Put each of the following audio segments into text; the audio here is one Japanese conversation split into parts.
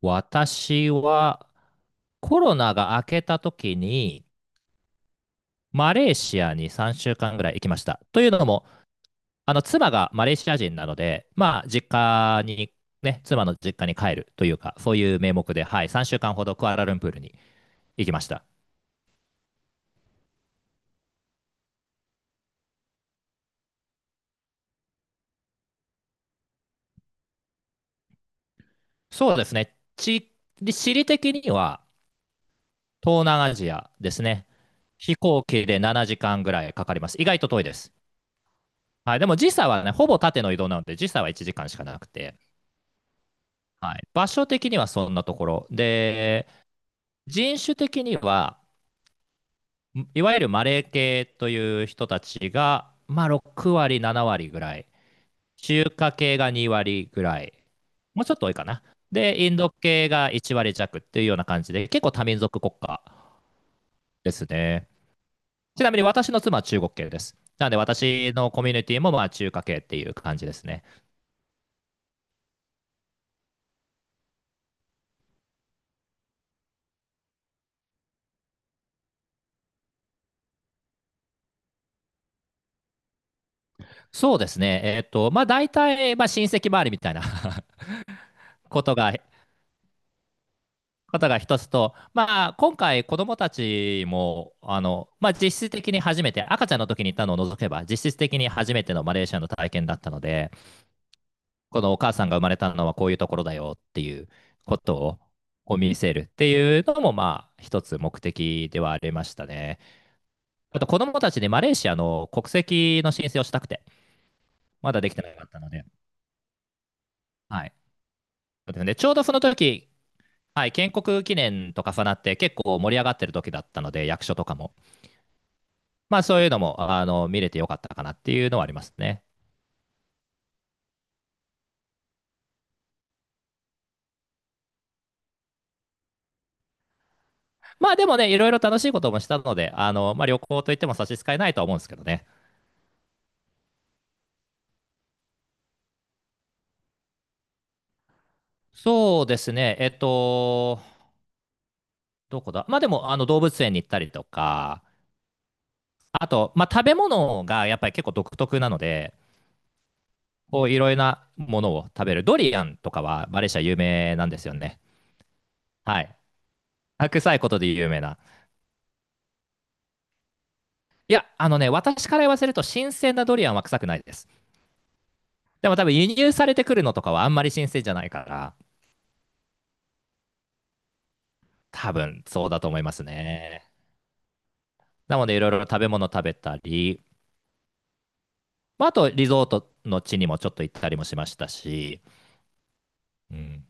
私はコロナが明けた時にマレーシアに3週間ぐらい行きました。というのも、妻がマレーシア人なので、まあ実家にね、妻の実家に帰るというか、そういう名目で、はい、3週間ほどクアラルンプールに行きました。そうですね、地理的には東南アジアですね。飛行機で7時間ぐらいかかります。意外と遠いです。はい、でも時差はね、ほぼ縦の移動なので、時差は1時間しかなくて。はい、場所的にはそんなところで、人種的にはいわゆるマレー系という人たちが、まあ、6割7割ぐらい、中華系が2割ぐらい、もうちょっと多いかな。でインド系が1割弱っていうような感じで、結構多民族国家ですね。ちなみに私の妻は中国系です。なので私のコミュニティもまあ中華系っていう感じですね。そうですね、まあ大体まあ親戚周りみたいな ことがことが一つと、まあ、今回、子どもたちもまあ、実質的に初めて、赤ちゃんの時に行ったのを除けば、実質的に初めてのマレーシアの体験だったので、このお母さんが生まれたのはこういうところだよっていうことを見せるっていうのも、まあ、一つ目的ではありましたね。あと、子どもたちでマレーシアの国籍の申請をしたくて、まだできてなかったので、はい。でちょうどその時、はい、建国記念と重なって結構盛り上がってる時だったので、役所とかも。まあそういうのも、見れてよかったかなっていうのはありますね。まあでもね、いろいろ楽しいこともしたので、まあ旅行といっても差し支えないとは思うんですけどね。そうですね、どこだ。まあでも、動物園に行ったりとか、あと、まあ食べ物がやっぱり結構独特なので、こういろいろなものを食べる。ドリアンとかはマレーシア有名なんですよね。はい。臭いことで有名な。いや、私から言わせると新鮮なドリアンは臭くないです。でも多分輸入されてくるのとかはあんまり新鮮じゃないから、多分そうだと思いますね。なのでいろいろ食べ物食べたり、まあ、あとリゾートの地にもちょっと行ったりもしましたし、うん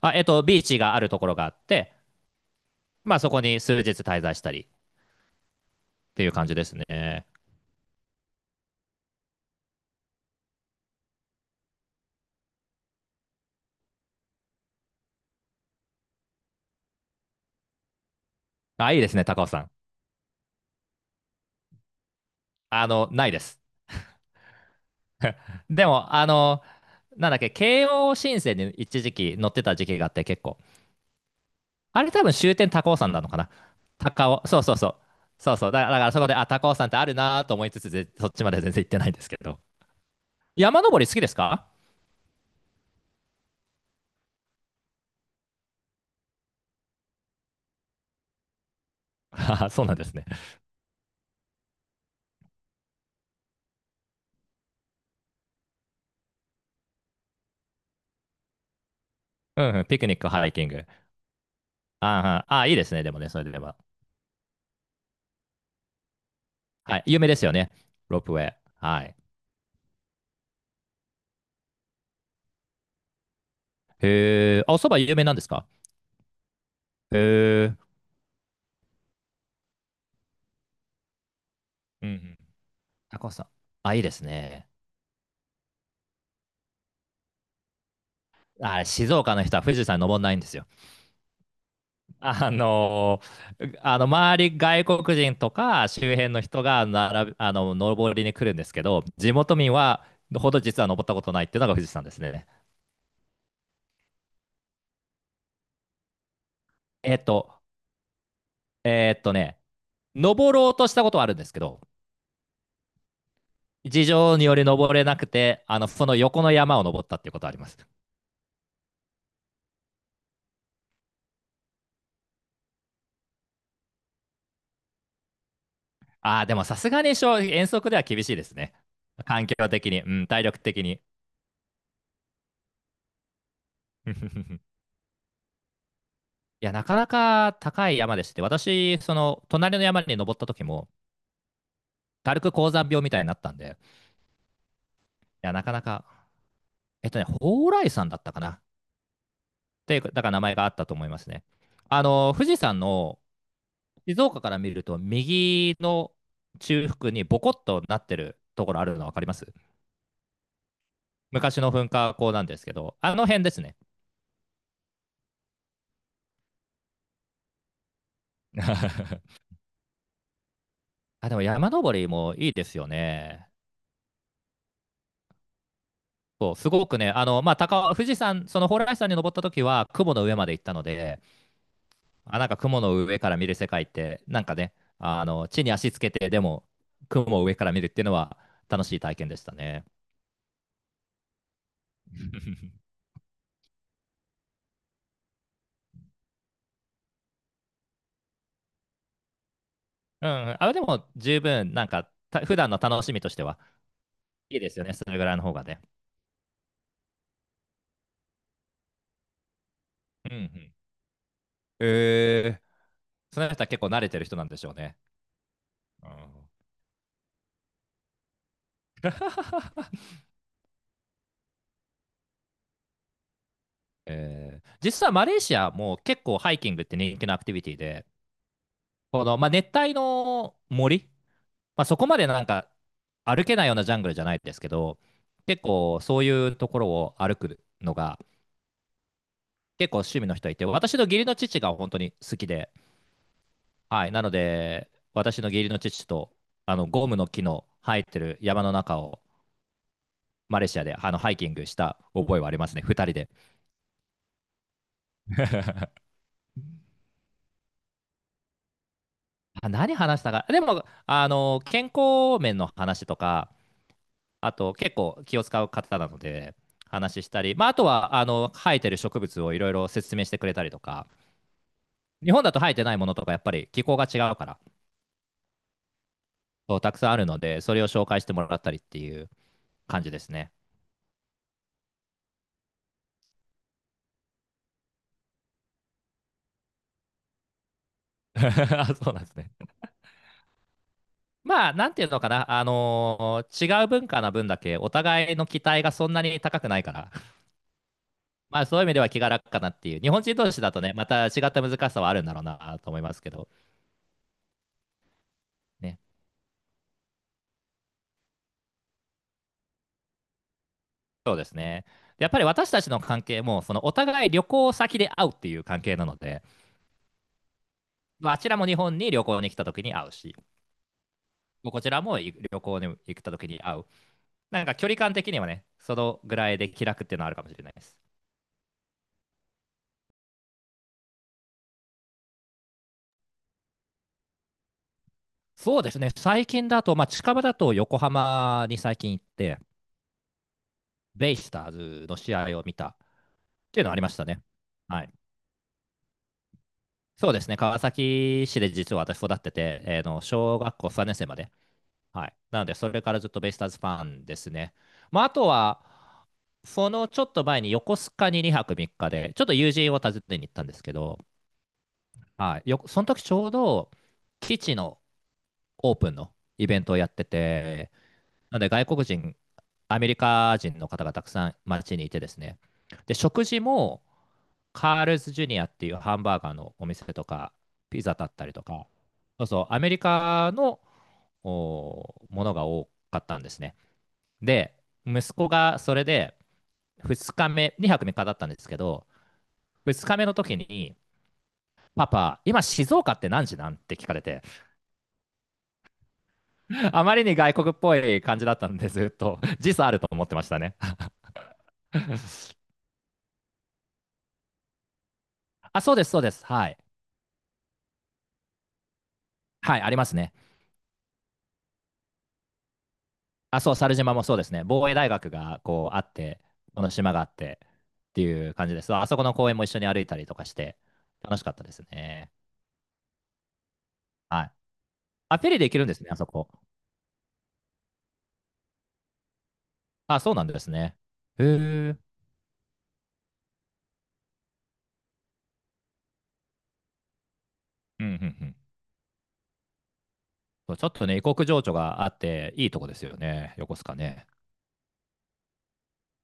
あえっと、ビーチがあるところがあって、まあ、そこに数日滞在したりっていう感じですね。あ、いいですね、高尾さん。ないです。でも、なんだっけ、慶応新線に一時期乗ってた時期があって結構。あれ多分終点高尾山なのかな。そうそうそう。そうそう。だからそこで、あ、高尾山ってあるなと思いつつ、そっちまで全然行ってないんですけど。山登り好きですか？ そうなんですね。うんうん、ピクニック、ハイキング。あーあー、いいですね、でもね、それでは。はい、有名ですよね、ロープウェイ。はい。へえ、あ、おそば有名なんですか？へえ、うんうん、高尾さん。あ、いいですね。あ、静岡の人は富士山登んないんですよ。あのあの周り、外国人とか周辺の人が並び、登りに来るんですけど、地元民は実は登ったことないっていうのが富士山ですね。えっとえっとね登ろうとしたことはあるんですけど、事情により登れなくて、その横の山を登ったっていうことはあります。ああ、でもさすがに遠足では厳しいですね。環境的に、うん、体力的に。いや、なかなか高い山でして、私、その隣の山に登った時も、軽く高山病みたいになったんで、いや、なかなか、蓬莱山だったかな。っていう、だから名前があったと思いますね。富士山の静岡から見ると、右の中腹にボコッとなってるところあるの分かります？昔の噴火口なんですけど、あの辺ですね。あ、でも山登りもいいですよね。そうすごくね、まあ、富士山、その蓬莱山に登った時は雲の上まで行ったので、あ、なんか雲の上から見る世界って、なんかね、地に足つけて、でも雲を上から見るっていうのは楽しい体験でしたね。うん、あ、でも十分、なんか普段の楽しみとしてはいいですよね、それぐらいの方がね。うんうん。えその人は結構慣れてる人なんでしょうね。うん。 実はマレーシアも結構ハイキングって人気のアクティビティで、この、まあ、熱帯の森、まあ、そこまでなんか歩けないようなジャングルじゃないですけど、結構そういうところを歩くのが結構趣味の人いて、私の義理の父が本当に好きで、はい、なので私の義理の父とゴムの木の生えてる山の中をマレーシアでハイキングした覚えはありますね、二人で。何話したか、でも健康面の話とか、あと結構気を使う方なので、話したり、まあ、あとは生えてる植物をいろいろ説明してくれたりとか、日本だと生えてないものとか、やっぱり気候が違うから、そう、たくさんあるので、それを紹介してもらったりっていう感じですね。そうなんですね。まあ、なんていうのかな、違う文化な分だけ、お互いの期待がそんなに高くないから、まあそういう意味では気が楽かなっていう、日本人同士だとね、また違った難しさはあるんだろうなと思いますけど、ね、そうですね。でやっぱり私たちの関係も、そのお互い旅行先で会うっていう関係なので、まああちらも日本に旅行に来た時に会うし、こちらも旅行に行った時に会う。なんか距離感的にはね、そのぐらいで気楽っていうのはあるかもしれないです。そうですね、最近だと、まあ、近場だと横浜に最近行って、ベイスターズの試合を見たっていうのはありましたね。はい、そうですね、川崎市で実は私育ってて、えーの小学校3年生まで。はい。なので、それからずっとベイスターズファンですね。まあ、あとは、そのちょっと前に横須賀に2泊3日で、ちょっと友人を訪ねに行ったんですけど、はい、その時ちょうど基地のオープンのイベントをやってて、なので外国人、アメリカ人の方がたくさん街にいてですね、で食事もカールズジュニアっていうハンバーガーのお店とか、ピザだったりとか、そうそう、アメリカのものが多かったんですね。で、息子がそれで2日目、2泊3日だったんですけど、2日目の時に、パパ、今静岡って何時なん？って聞かれて、あまりに外国っぽい感じだったんで、ずっと時差あると思ってましたね。あ、そうです、そうです。はい。はい、ありますね。あ、そう、猿島もそうですね。防衛大学がこうあって、この島があってっていう感じです。あそこの公園も一緒に歩いたりとかして、楽しかったですね。はい。あ、フェリーで行けるんですね、あそこ。あ、そうなんですね。へえ。うんうんうん。そうちょっとね、異国情緒があって、いいとこですよね、横須賀ね。